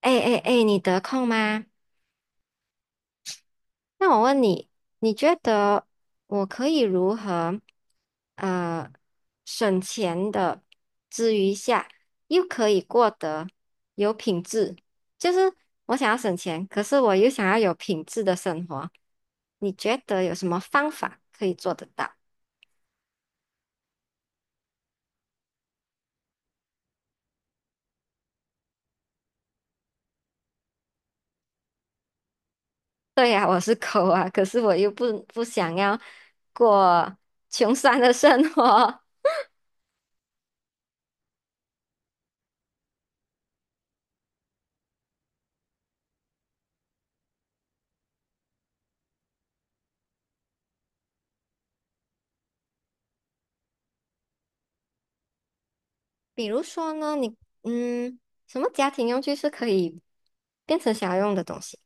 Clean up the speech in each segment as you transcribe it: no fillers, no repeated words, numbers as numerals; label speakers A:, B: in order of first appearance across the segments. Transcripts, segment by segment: A: 哎哎哎，你得空吗？那我问你，你觉得我可以如何呃省钱的之余下，又可以过得有品质？就是我想要省钱，可是我又想要有品质的生活，你觉得有什么方法可以做得到？对呀，我是抠啊，可是我又不想要过穷酸的生活。比如说呢，你嗯，什么家庭用具是可以变成想要用的东西？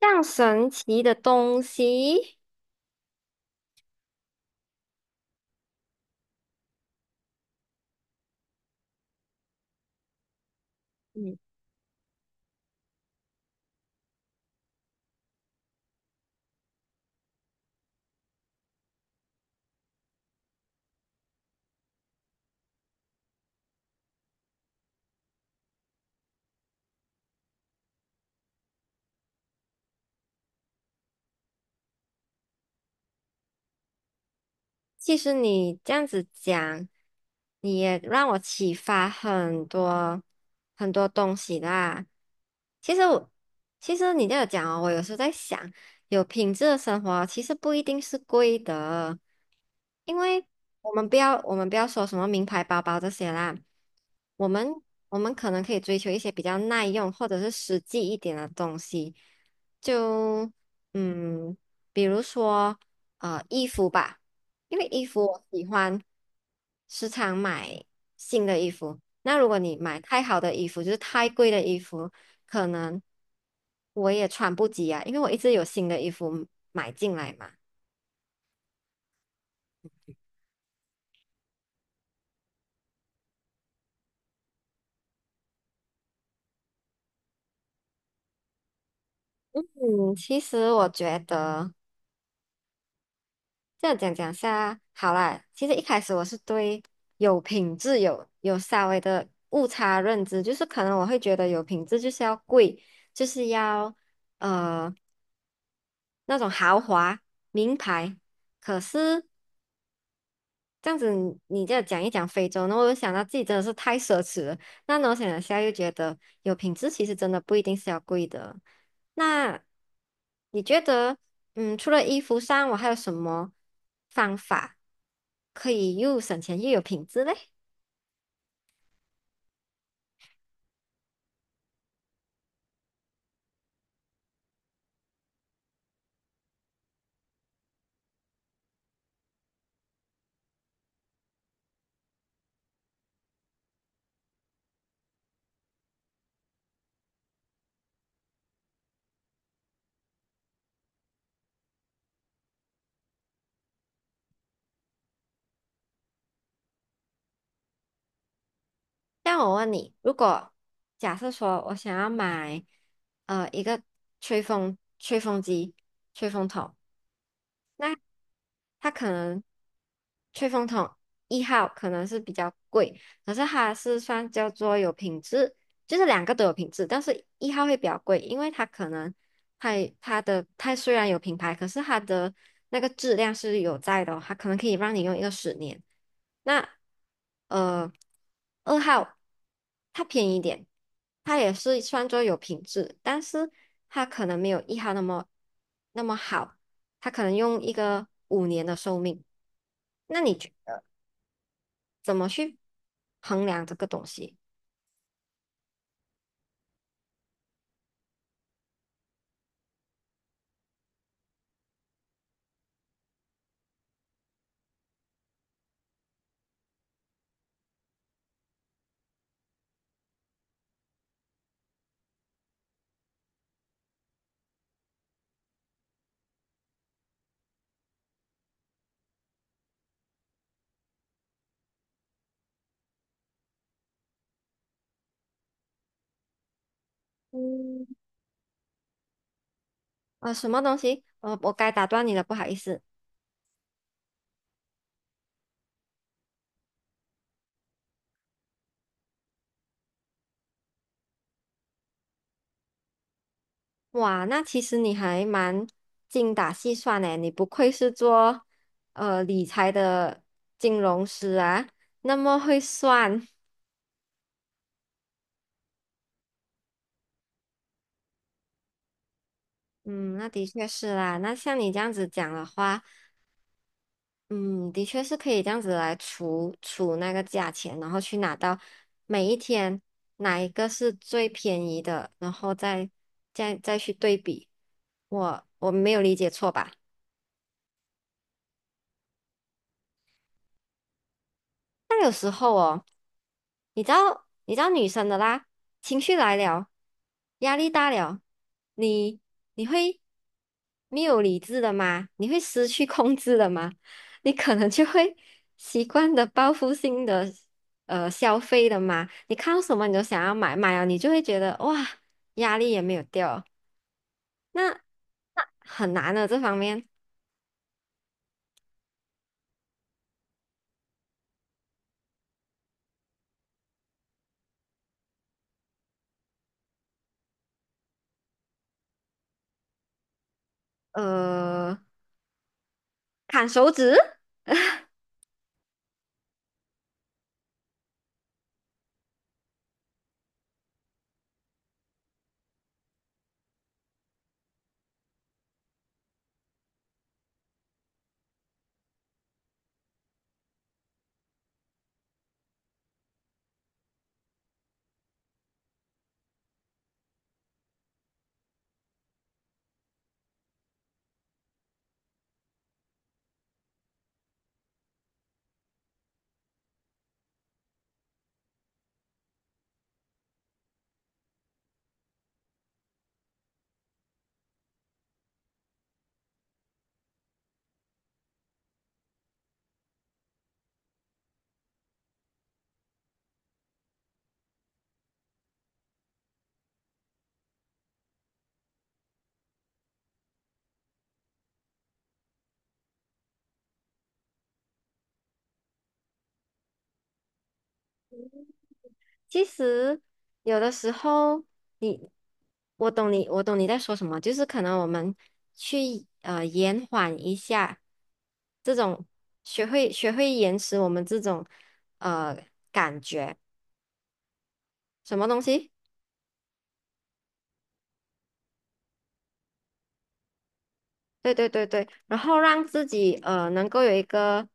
A: 像神奇的东西。嗯。其实你这样子讲，你也让我启发很多很多东西啦。其实我，其实你这样讲哦，我有时候在想，有品质的生活其实不一定是贵的，因为我们不要说什么名牌包包这些啦，我们我们可能可以追求一些比较耐用或者是实际一点的东西，就嗯，比如说衣服吧。因为衣服我喜欢时常买新的衣服，那如果你买太好的衣服，就是太贵的衣服，可能我也穿不及啊，因为我一直有新的衣服买进来嘛。嗯，其实我觉得这样讲讲下，好啦，其实一开始我是对有品质有稍微的误差认知，就是可能我会觉得有品质就是要贵，就是要呃那种豪华名牌。可是这样子你这样讲一讲非洲，那我就想到自己真的是太奢侈了。那呢，我想了下，又觉得有品质其实真的不一定是要贵的。那你觉得，除了衣服上，我还有什么方法可以又省钱又有品质嘞？像我问你，如果假设说我想要买一个吹风机、吹风筒，那它可能吹风筒一号可能是比较贵，可是它是算叫做有品质，就是两个都有品质，但是一号会比较贵，因为它可能它它的它虽然有品牌，可是它的那个质量是有在的哦它可能可以让你用一个10年。那呃，二号它便宜一点，它也是算作有品质，但是它可能没有一号那么好。它可能用一个5年的寿命。那你觉得怎么去衡量这个东西？嗯，什么东西？我该打断你了，不好意思。哇，那其实你还蛮精打细算呢，你不愧是做理财的金融师啊，那么会算。嗯，那的确是啦。那像你这样子讲的话，嗯，的确是可以这样子来除除那个价钱，然后去拿到每一天哪一个是最便宜的，然后再去对比。我没有理解错吧？但有时候哦。你知道，你知道女生的啦，情绪来了，压力大了，你你会没有理智的吗？你会失去控制的吗？你可能就会习惯的报复性的消费的嘛。你看到什么你都想要买，买了你就会觉得哇，压力也没有掉，那那很难的这方面。呃，砍手指。其实有的时候你，我懂你，我懂你在说什么，就是可能我们去延缓一下这种学会延迟我们这种呃感觉什么东西？对对对对，然后让自己能够有一个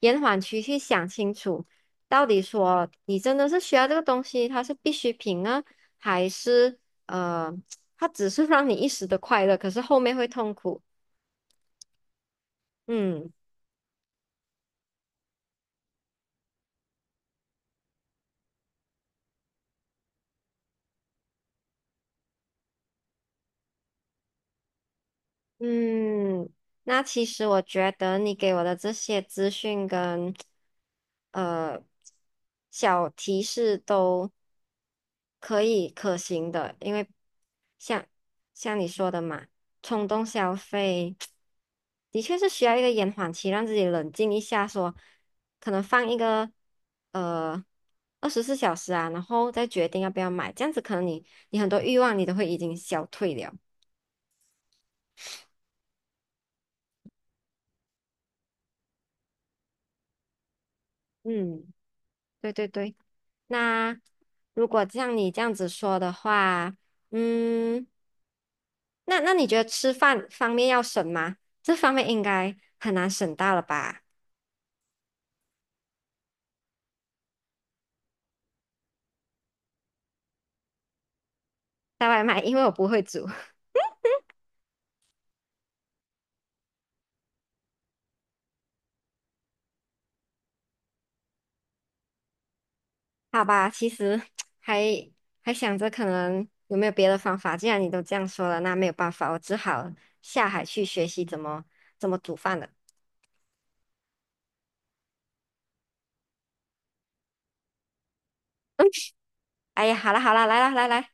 A: 延缓期去想清楚，到底说你真的是需要这个东西，它是必需品呢，还是呃它只是让你一时的快乐，可是后面会痛苦。嗯嗯，那其实我觉得你给我的这些资讯跟呃小提示都可以可行的，因为像像你说的嘛，冲动消费 的确是需要一个延缓期，让自己冷静一下说可能放一个呃24小时啊，然后再决定要不要买，这样子可能你很多欲望你都会已经消退了。嗯，对对对。那如果像你这样子说的话，嗯，那你觉得吃饭方面要省吗？这方面应该很难省到了吧？带外卖，因为我不会煮。好吧，其实还还想着可能有没有别的方法。既然你都这样说了，那没有办法，我只好下海去学习怎么煮饭了。哎呀，好了好了，来啦来来。